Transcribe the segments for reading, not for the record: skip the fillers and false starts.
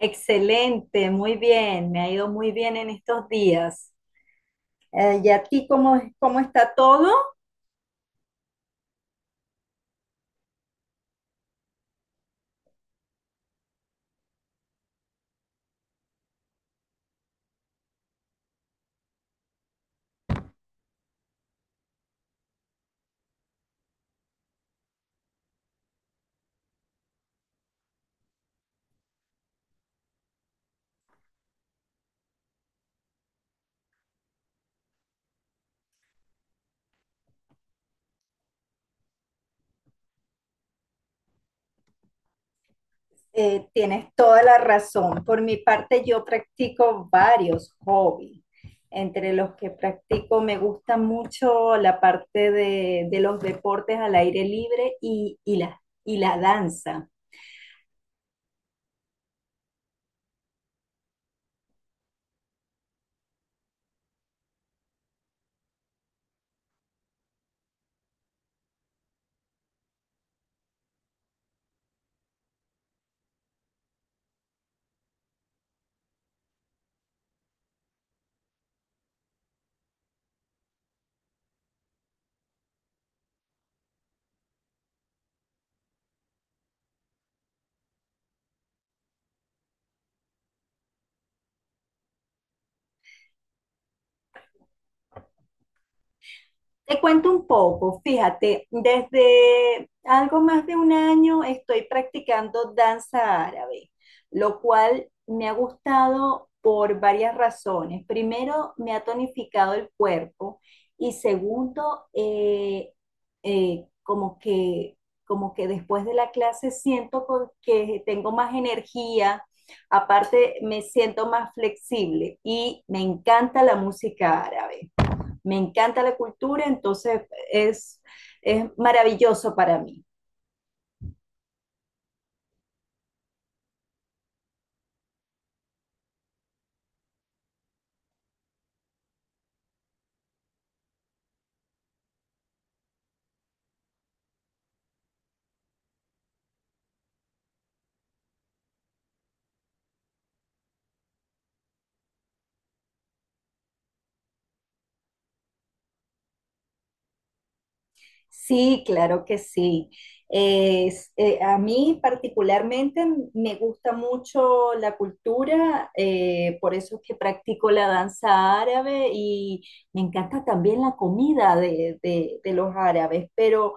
Excelente, muy bien, me ha ido muy bien en estos días. ¿Y a ti cómo está todo? Tienes toda la razón. Por mi parte, yo practico varios hobbies. Entre los que practico me gusta mucho la parte de los deportes al aire libre y la danza. Te cuento un poco, fíjate, desde algo más de un año estoy practicando danza árabe, lo cual me ha gustado por varias razones. Primero, me ha tonificado el cuerpo y segundo, eh, como que, como que después de la clase que tengo más energía, aparte me siento más flexible y me encanta la música árabe, me encanta la cultura. Es, es maravilloso para mí. Sí, claro que sí. A mí particularmente me gusta mucho la cultura, por eso es que practico la danza árabe y me encanta también la comida de los árabes, pero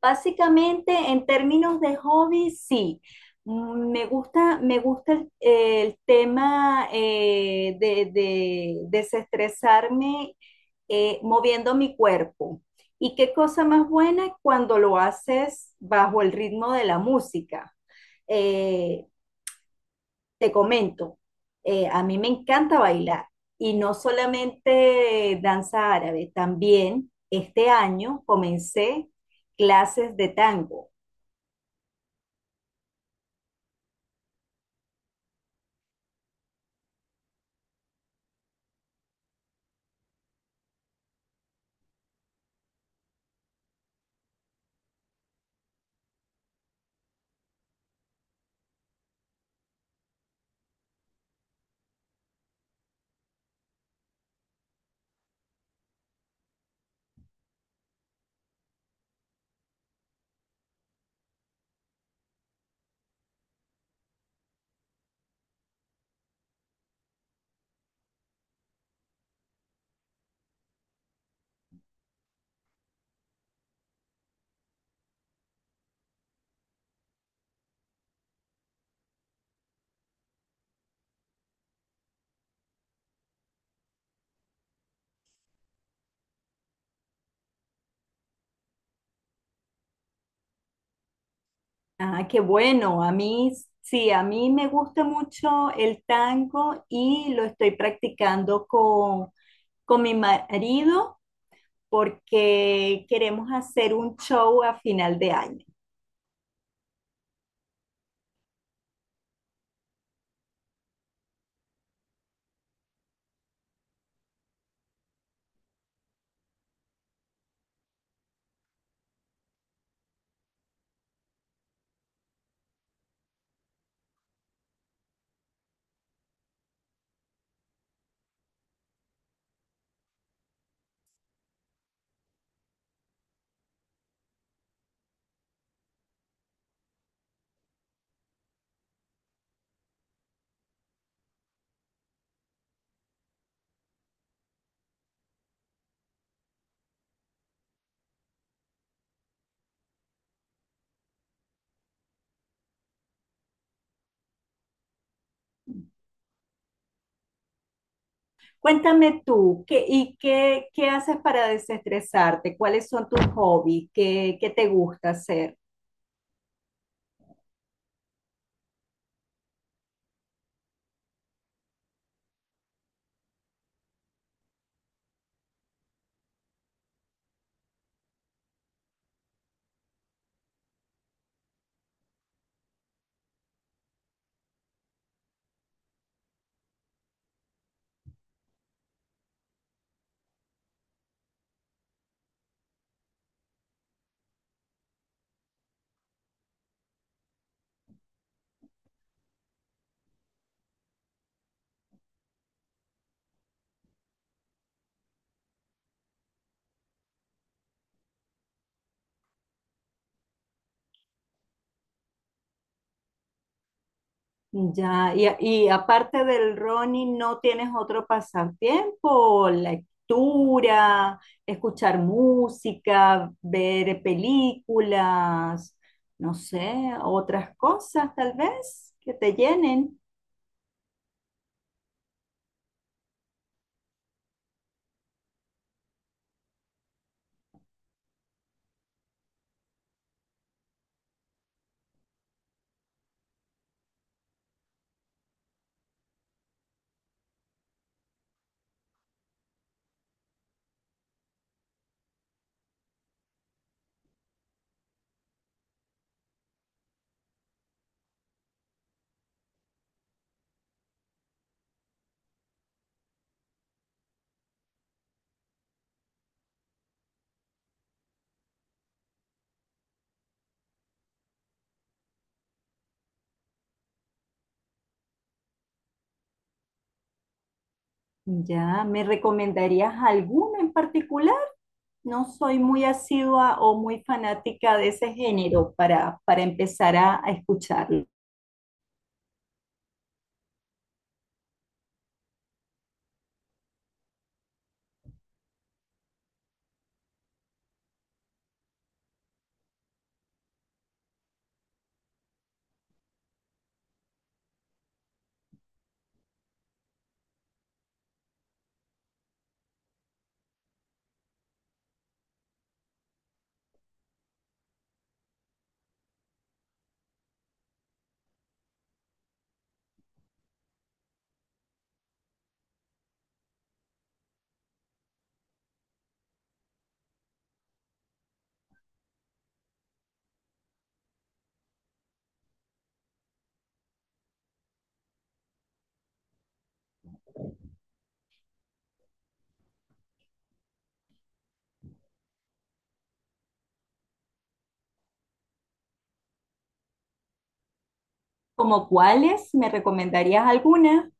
básicamente en términos de hobby, sí. Mm, me gusta, me gusta el tema de desestresarme, moviendo mi cuerpo. Y qué cosa más buena cuando lo haces bajo el ritmo de la música. Eh, Te comento, a mí me encanta bailar y no solamente danza árabe, también este año comencé clases de tango. Ah, qué bueno, a mí sí, a mí me gusta mucho el tango y lo estoy practicando con mi marido porque queremos hacer un show a final de año. Cuéntame tú, ¿ qué haces para desestresarte? ¿Cuáles son tus hobbies? ¿ qué te gusta hacer? Ya, y aparte del running, ¿no tienes otro pasatiempo? Lectura, escuchar música, ver películas, no sé, otras cosas tal vez que te llenen. Ya, ¿me recomendarías alguna en particular? No soy muy asidua o muy fanática de ese género para, empezar a escucharlo. ¿Como cuáles? ¿Me recomendarías alguna?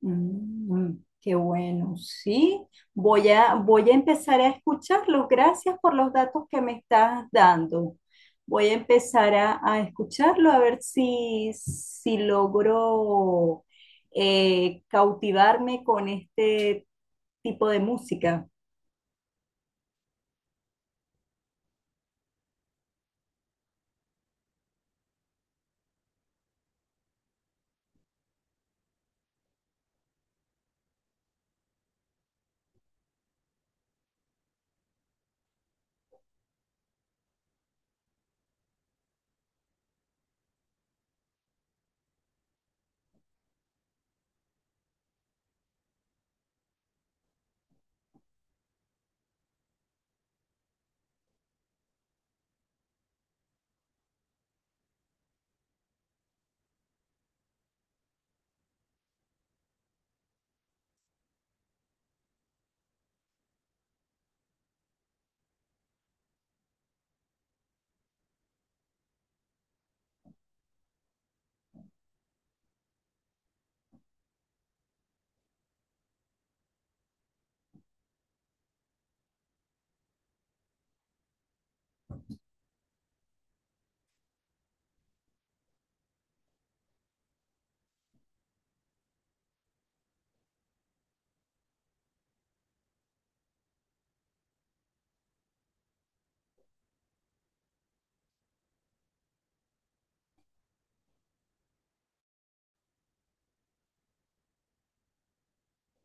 Mm, qué bueno, sí. Voy a empezar a escucharlos. Gracias por los datos que me estás dando. Voy a empezar a escucharlo, a ver si, si logro cautivarme con este tipo de música.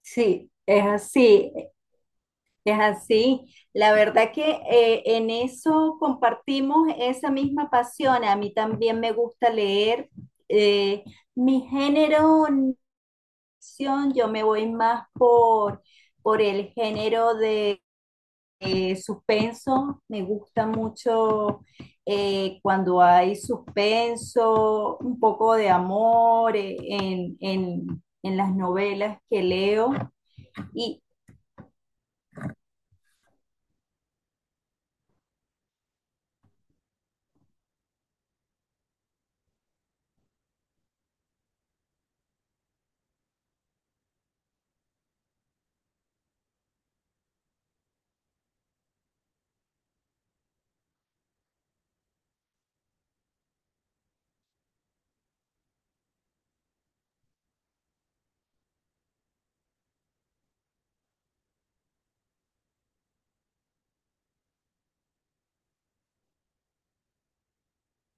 Sí, es así. Es así. La verdad que en eso compartimos esa misma pasión. A mí también me gusta leer. eh, Mi género, no ficción, yo me voy más por, el género de suspenso. Me gusta mucho cuando hay suspenso, un poco de amor, en las novelas que leo. Y,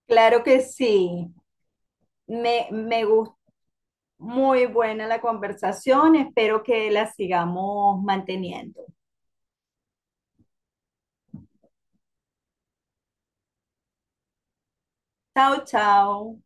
claro que sí. Me gustó muy buena la conversación. Espero que la sigamos manteniendo. Chao, chao.